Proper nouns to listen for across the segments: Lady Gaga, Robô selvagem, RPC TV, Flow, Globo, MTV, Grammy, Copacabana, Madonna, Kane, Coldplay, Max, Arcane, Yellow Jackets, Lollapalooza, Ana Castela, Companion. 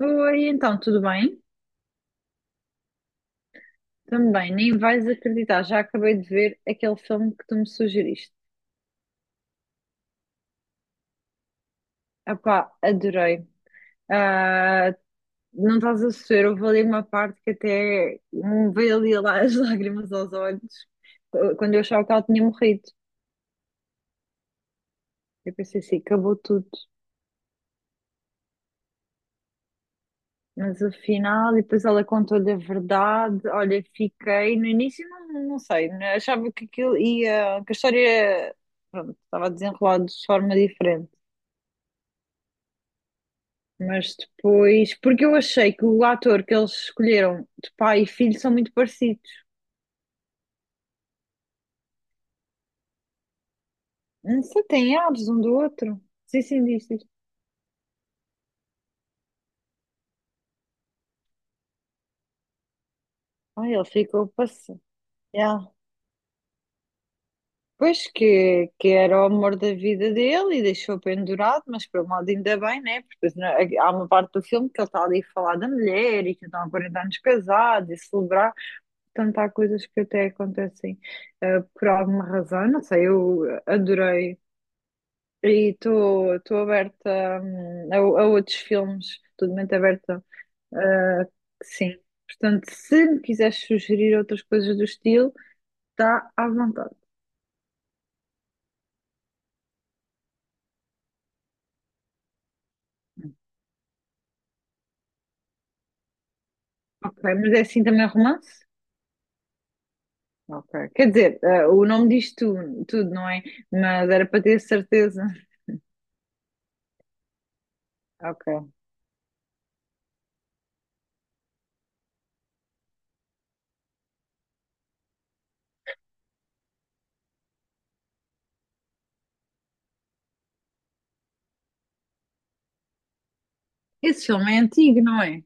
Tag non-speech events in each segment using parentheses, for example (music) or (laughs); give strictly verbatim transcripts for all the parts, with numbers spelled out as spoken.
Oi, então, tudo bem? Também, nem vais acreditar, já acabei de ver aquele filme que tu me sugeriste. Apá, adorei. Ah, não estás a sofrer, houve ali uma parte que até me veio ali lá as (laughs) lágrimas aos olhos, quando eu achava que ela tinha morrido. Eu pensei assim, acabou tudo. Mas afinal, e depois ela contou-lhe a verdade. Olha, fiquei, no início não, não sei, né? Achava que aquilo ia, que a história, pronto, estava desenrolada de forma diferente. Mas depois, porque eu achei que o ator que eles escolheram de pai e filho são muito parecidos. Não sei, têm ares um do outro. Sim, sim, diz, diz. Ah, ele ficou passado. Yeah. Pois que, que era o amor da vida dele e deixou pendurado, mas por um lado ainda bem, né? Porque senão, há uma parte do filme que ele está ali a falar da mulher e que estão há quarenta anos casados e celebrar. Portanto, há coisas que até acontecem eh, por alguma razão. Não sei, eu adorei. E estou estou aberta, hum, a, a outros filmes, totalmente aberta. Ah, sim. Portanto, se me quiseres sugerir outras coisas do estilo, está à vontade. Ok, mas é assim também romance? Ok. Quer dizer, ah, o nome diz tu, tudo, não é? Mas era para ter certeza. Ok. Esse filme é antigo, não é?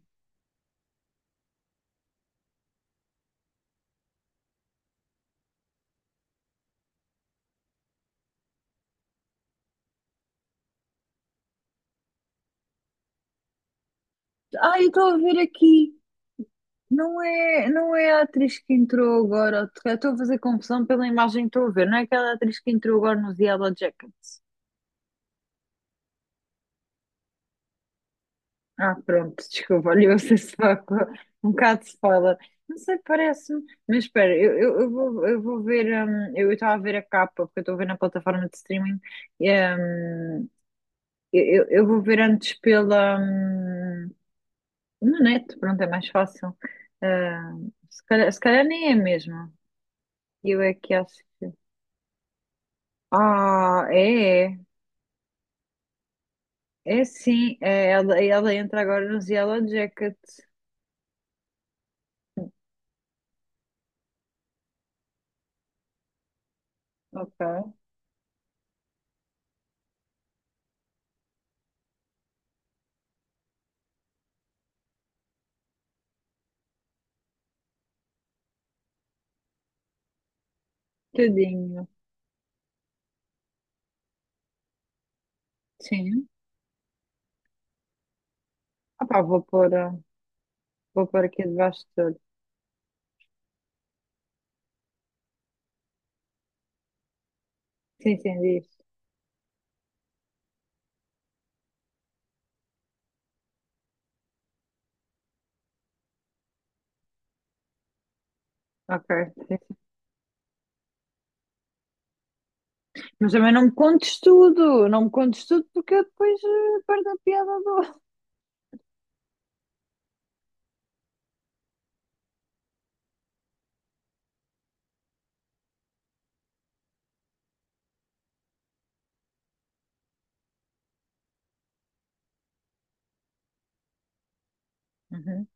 Ah, eu estou a ver aqui. Não é, não é a atriz que entrou agora. Eu estou a fazer confusão pela imagem que estou a ver. Não é aquela atriz que entrou agora nos Yellow Jackets. Ah, pronto, desculpa, olha, eu sei só com um bocado de spoiler. Não sei, parece-me, mas espera, eu, eu, eu vou, eu vou ver, hum, eu eu estava a ver a capa, porque eu estou a ver na plataforma de streaming, e, hum, eu, eu eu vou ver antes pela, hum, na net, pronto, é mais fácil. Ah, se calhar, se calhar nem é mesmo, eu é que acho que... Ah, é, é, é sim, é, ela, ela entra agora nos Yellow Jacket, ok, tadinho, sim. Ah, pá, vou pôr, ah, vou pôr aqui debaixo de tudo. Sim, sim, diz. Ok. Sim, sim. Mas também não me contes tudo. Não me contes tudo porque eu depois eh, perdo a piada do. Uhum.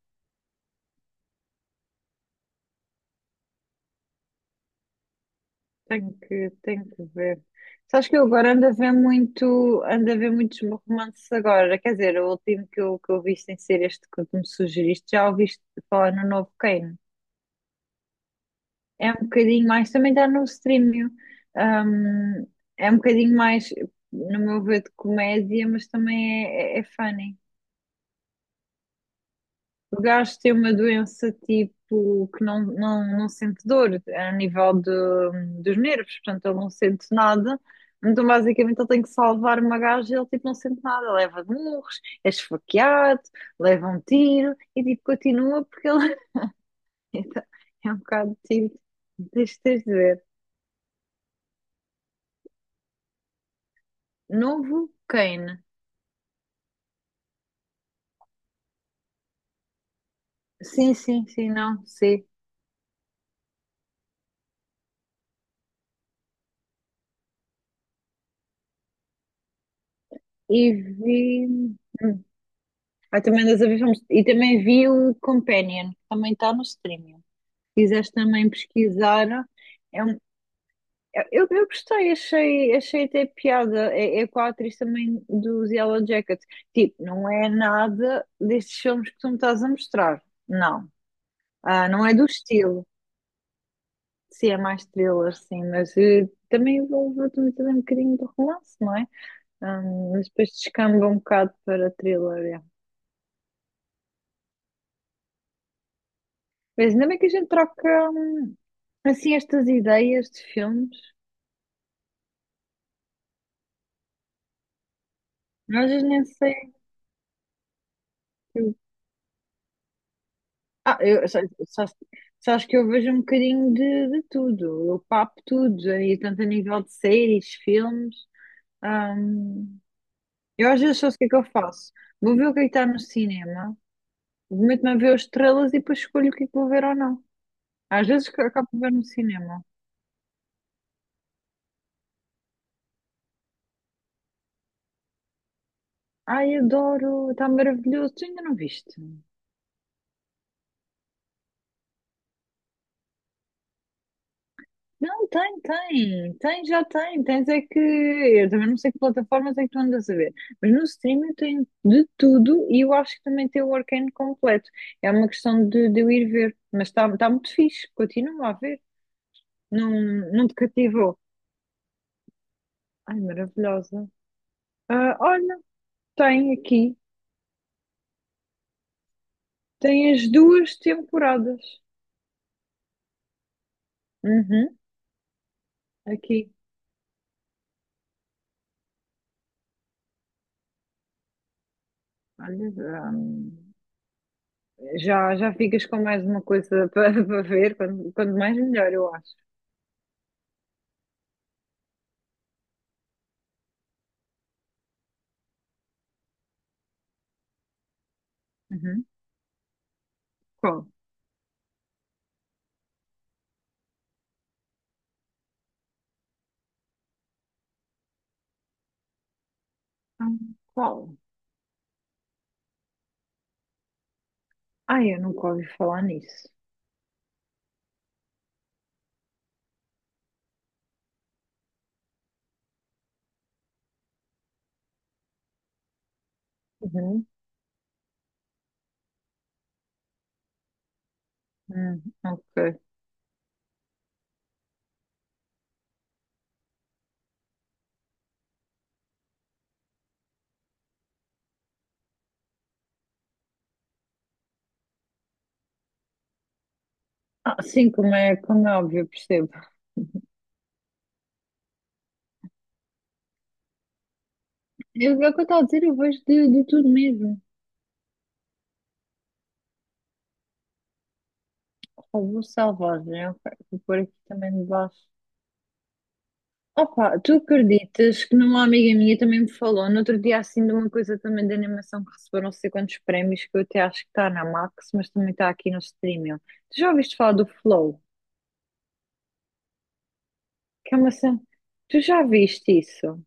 Tenho que, tenho que ver. Sabes que eu agora ando a ver muito, ando a ver muitos romances agora. Quer dizer, o último que eu, que eu vi sem ser este que tu me sugeriste, já ouviste falar no novo Kane. É um bocadinho mais, também está no streaming. Hum, é um bocadinho mais, no meu ver, de comédia, mas também é, é, é funny. O gajo tem uma doença tipo que não, não, não sente dor a nível de- dos nervos, portanto ele não sente nada. Então basicamente ele tem que salvar uma gaja e ele tipo não sente nada, leva de murros, é esfaqueado, leva um tiro e tipo continua porque ele (laughs) então, é um bocado tipo, deixa de ver. Novo Kane. Sim, sim, sim, não, sim. E vi. hum, Ah, também andas a ver filmes. E também vi o Companion, que também está no streaming. Quiseste também pesquisar. É um- é, eu, eu gostei, achei, achei até piada. É, é com a atriz também dos Yellow Jackets. Tipo, não é nada destes filmes que tu me estás a mostrar. Não. Ah, não é do estilo. Sim, é mais thriller, sim, mas eh, também envolve também um bocadinho de romance, não é? Ah, mas depois descamba um bocado para thriller. É. Mas ainda bem que a gente troca hum, assim estas ideias de filmes. Nós nem sei. Ah, eu, sa- sa- sabes que eu vejo um bocadinho de, de tudo, eu papo tudo, e tanto a nível de séries, filmes. hum, eu às vezes só sei o que é que eu faço. Vou ver o que é que está no cinema, meto-me a ver as estrelas e depois escolho o que é que vou ver ou não. Às vezes que acabo de ver no cinema. Ai, adoro, está maravilhoso, tu ainda não viste? Não, tem, tem, tem, já tem. Tens é que. Eu também não sei que plataformas é que tu andas a ver, mas no streaming tem de tudo e eu acho que também tem o Arcane completo. É uma questão de, de eu ir ver, mas está tá tá muito fixe, continua a ver. Não, não te cativou. Ai, maravilhosa. Ah, olha, tem aqui, tem as duas temporadas. Uhum, aqui. Olha, ah, já, já ficas com mais uma coisa (laughs) para para ver, quando, quando mais melhor, eu acho. Uhum. Qual? Ah, qual? Ah, eu nunca ouvi falar nisso. Uhum. Hum, ok. Ah, sim, como é, como é óbvio, eu percebo. Eu, é o que eu estou a dizer, eu vejo de, de tudo mesmo. Robô selvagem, ok. Vou pôr aqui também debaixo. Opa, tu acreditas que numa amiga minha também me falou no outro dia assim de uma coisa também de animação que recebeu não sei quantos prémios, que eu até acho que está na Max, mas também está aqui no streaming. Tu já ouviste falar do Flow? Que é uma... cena- tu já viste isso?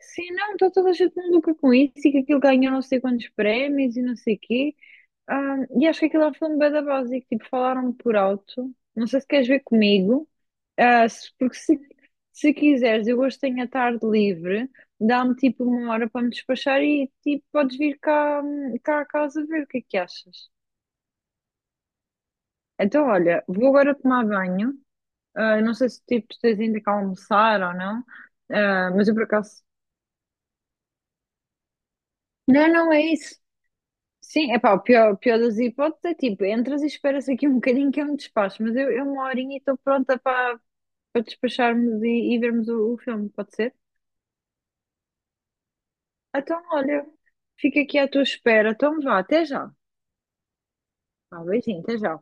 Sim, não, está toda a gente maluca com isso e que aquilo ganhou não sei quantos prémios e não sei o quê. Ah, e acho que aquilo é um filme bué da básico, tipo, falaram por alto. Não sei se queres ver comigo. Ah, se- porque se, se quiseres, eu hoje tenho a tarde livre, dá-me tipo uma hora para me despachar e tipo, podes vir cá, hum, cá a casa ver o que é que achas. Então, olha, vou agora tomar banho. Ah, não sei se tipo, tu tens ainda que almoçar ou não. Ah, mas eu por acaso. Não, não, é isso. Sim, é pá, o pior, pior das hipóteses é tipo, entras e esperas aqui um bocadinho que eu me despacho, mas eu, eu uma horinha e estou pronta para para despacharmos e, e vermos o, o filme, pode ser? Então, olha, fica aqui à tua espera, então vá, até já. Ah, beijinho, até já.